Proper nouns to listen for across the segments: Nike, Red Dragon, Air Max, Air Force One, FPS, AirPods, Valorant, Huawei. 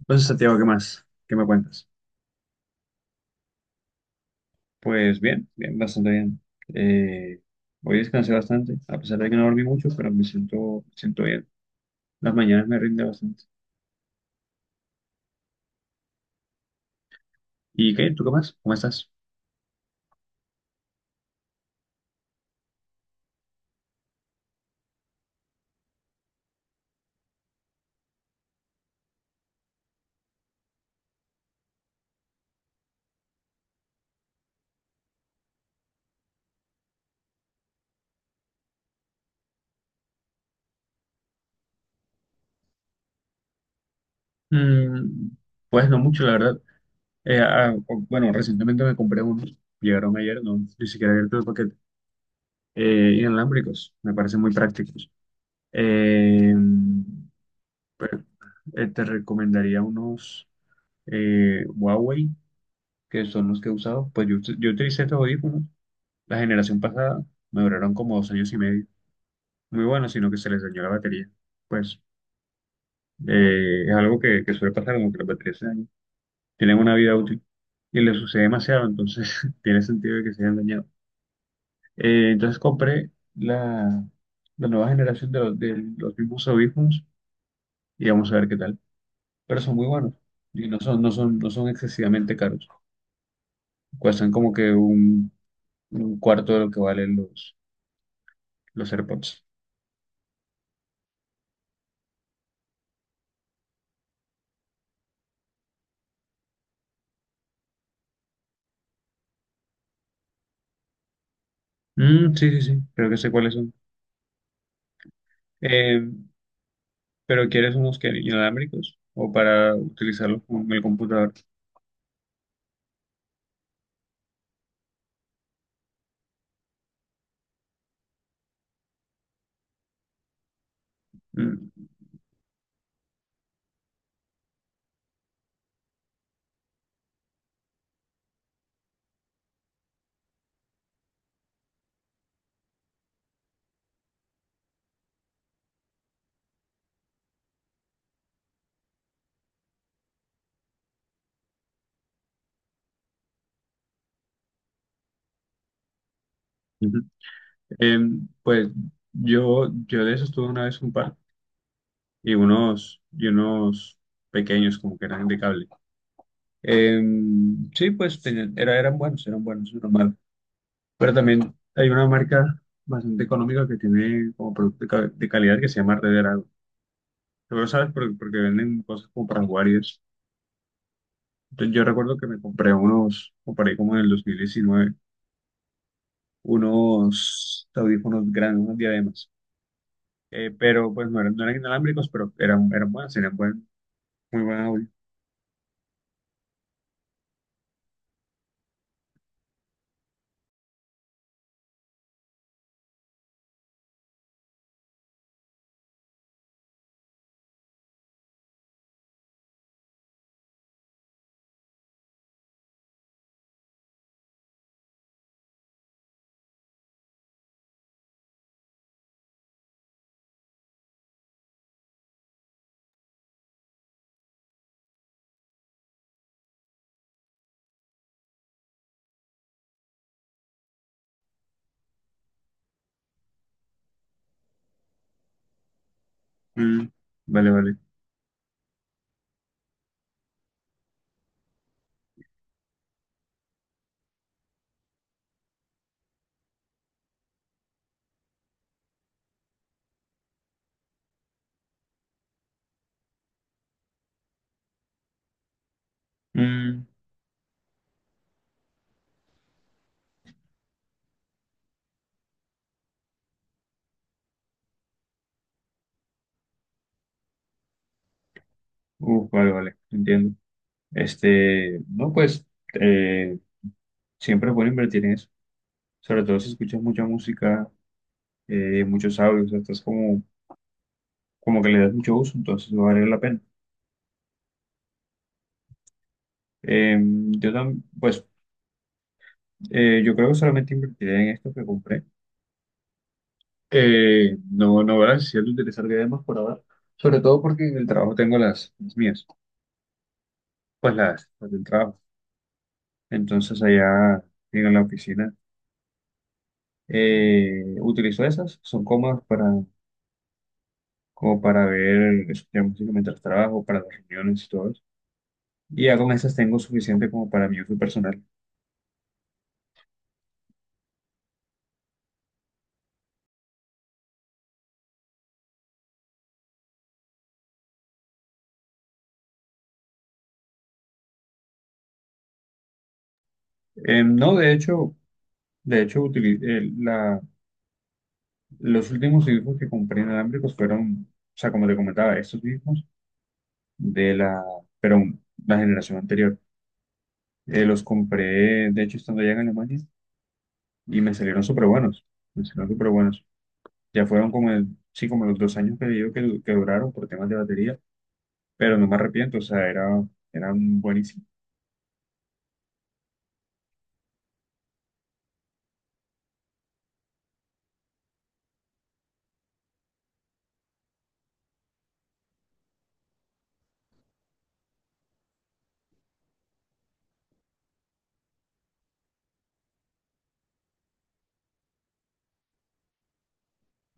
Entonces, Santiago, ¿qué más? ¿Qué me cuentas? Pues bien, bien, bastante bien. Eh, Hoy descansé bastante, a pesar de que no dormí mucho, pero me siento bien. Las mañanas me rinde bastante. ¿Y qué? ¿Tú qué más? ¿Cómo estás? Mm, pues no mucho, la verdad. Bueno, recientemente me compré unos, llegaron ayer, no, ni siquiera abierto el paquete, inalámbricos, me parecen muy prácticos. Eh, pero, Te recomendaría unos Huawei que son los que he usado. Pues yo utilicé estos audífonos. La generación pasada me duraron como 2 años y medio. Muy buenos sino que se les dañó la batería. Pues es algo que suele pasar, como que las baterías se dañan. Tienen una vida útil y le sucede demasiado, entonces tiene sentido de que se hayan dañado. Entonces compré la, la nueva generación de de los mismos audífonos y vamos a ver qué tal. Pero son muy buenos y no son excesivamente caros. Cuestan como que un cuarto de lo que valen los AirPods. Mm, sí, sí, sí, creo que sé cuáles son. Eh, pero ¿quieres unos que inalámbricos o para utilizarlos con el computador? Mm, ujú. Eh, pues yo de esos tuve una vez un par y unos pequeños como que eran de cable. Eh, sí, pues eran buenos, normal. Pero también hay una marca bastante económica que tiene como producto de calidad que se llama Red Dragon. Seguro sabes porque venden cosas como para jugar y eso. Entonces, yo recuerdo que me compré unos, compré como en el 2019 unos audífonos grandes, unos diademas. Pero pues no eran inalámbricos, pero eran buenas, tenían muy buen audio. Mm, vale, vale. Mm, uf, vale, vale, entiendo. Este, no, pues eh, siempre es bueno invertir en eso. Sobre todo si escuchas mucha música, muchos audios, estás como que le das mucho uso, entonces va a valer la pena. Yo también, pues yo creo que solamente invertiré en esto que compré. No, no, ¿verdad? Siento utilizar diademas por ahora. Sobre todo porque en el trabajo tengo las mías, pues las del trabajo. Entonces allá en la oficina utilizo esas, son cómodas para, como para ver, escuchar música mientras trabajo, para las reuniones y todo eso. Y ya con esas tengo suficiente como para mi uso personal. No, de hecho los últimos audífonos que compré inalámbricos fueron, o sea, como te comentaba, estos mismos de pero la generación anterior. Los compré, de hecho, estando allá en Alemania, y me salieron súper buenos. Me salieron súper buenos. Ya fueron como, sí, como los 2 años que digo que duraron por temas de batería, pero no me arrepiento, o sea, era, eran buenísimos.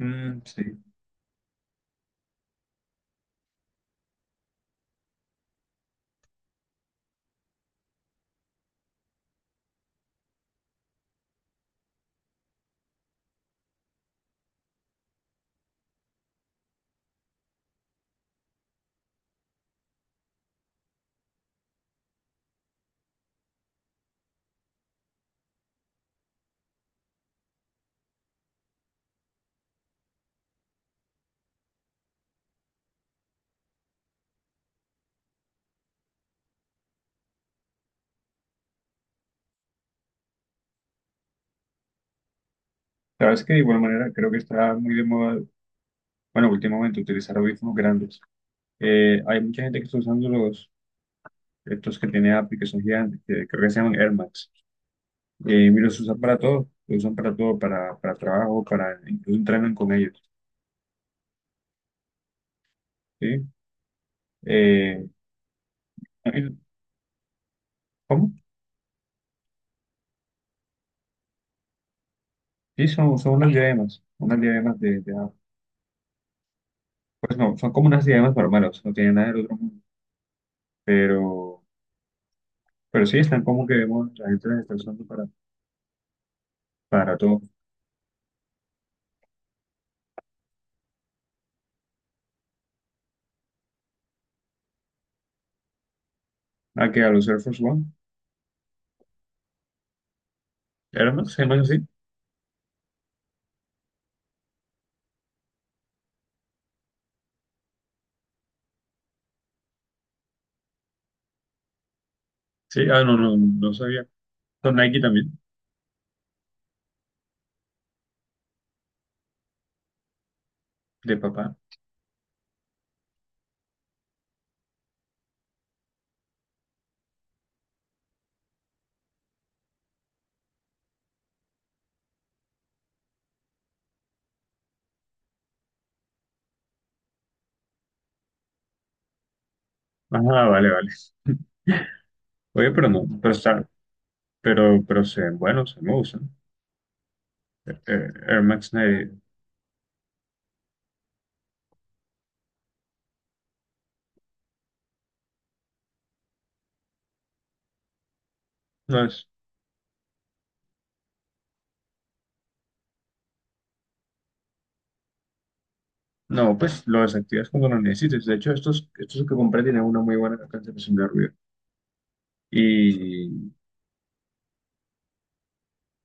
Mm, sí. Sabes que de igual manera creo que está muy de moda, bueno, últimamente utilizar audífonos grandes. Hay mucha gente que está usando estos que tiene Apple, que son gigantes, que creo que se llaman Air Max. Y los usan para todo, los usan para todo, para trabajo, para incluso entrenan con ellos. ¿Sí? Eh, Eh, ¿Cómo? Sí, son unas diademas de ajo. Pues no, son como unas diademas normales, no tienen nada del otro mundo, pero, pero sí están como que vemos, la gente las está usando para todo. Ah, que a los Air Force One, ¿eran más? ¿Se llaman así? Sí, ah, no, no, no sabía. Son Nike también, de papá. Ah, vale, vale. Oye, pero no, pero está, pero se ven buenos, se me gustan. Air Max Nike, no es, no, pues lo desactivas cuando lo necesites. De hecho, estos, estos que compré tienen una muy buena cancelación de ruido. Y,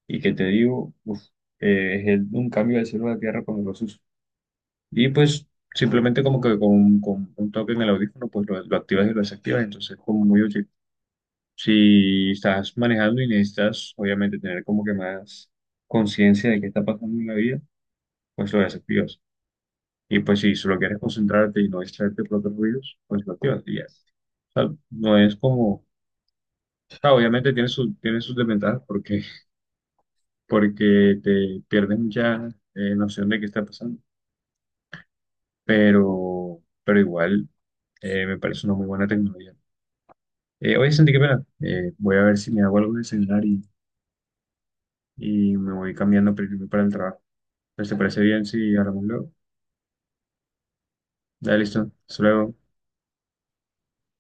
y que te digo, uf, un cambio del cielo a la tierra cuando los uso. Y pues simplemente como que con un toque en el audífono, pues lo activas y lo desactivas, entonces es como muy útil. Si estás manejando y necesitas obviamente tener como que más conciencia de qué está pasando en la vida, pues lo desactivas. Y pues si solo quieres concentrarte y no distraerte por otros ruidos, pues lo activas y ya. O sea, no es como, o sea, obviamente tiene tiene sus desventajas porque porque te pierdes mucha noción de qué está pasando. Pero igual me parece una muy buena tecnología. Oye, Santi, qué pena. Voy a ver si me hago algo de celular y me voy cambiando primero para el trabajo. Entonces, ¿te parece bien si hablamos luego? Dale, listo. Hasta luego.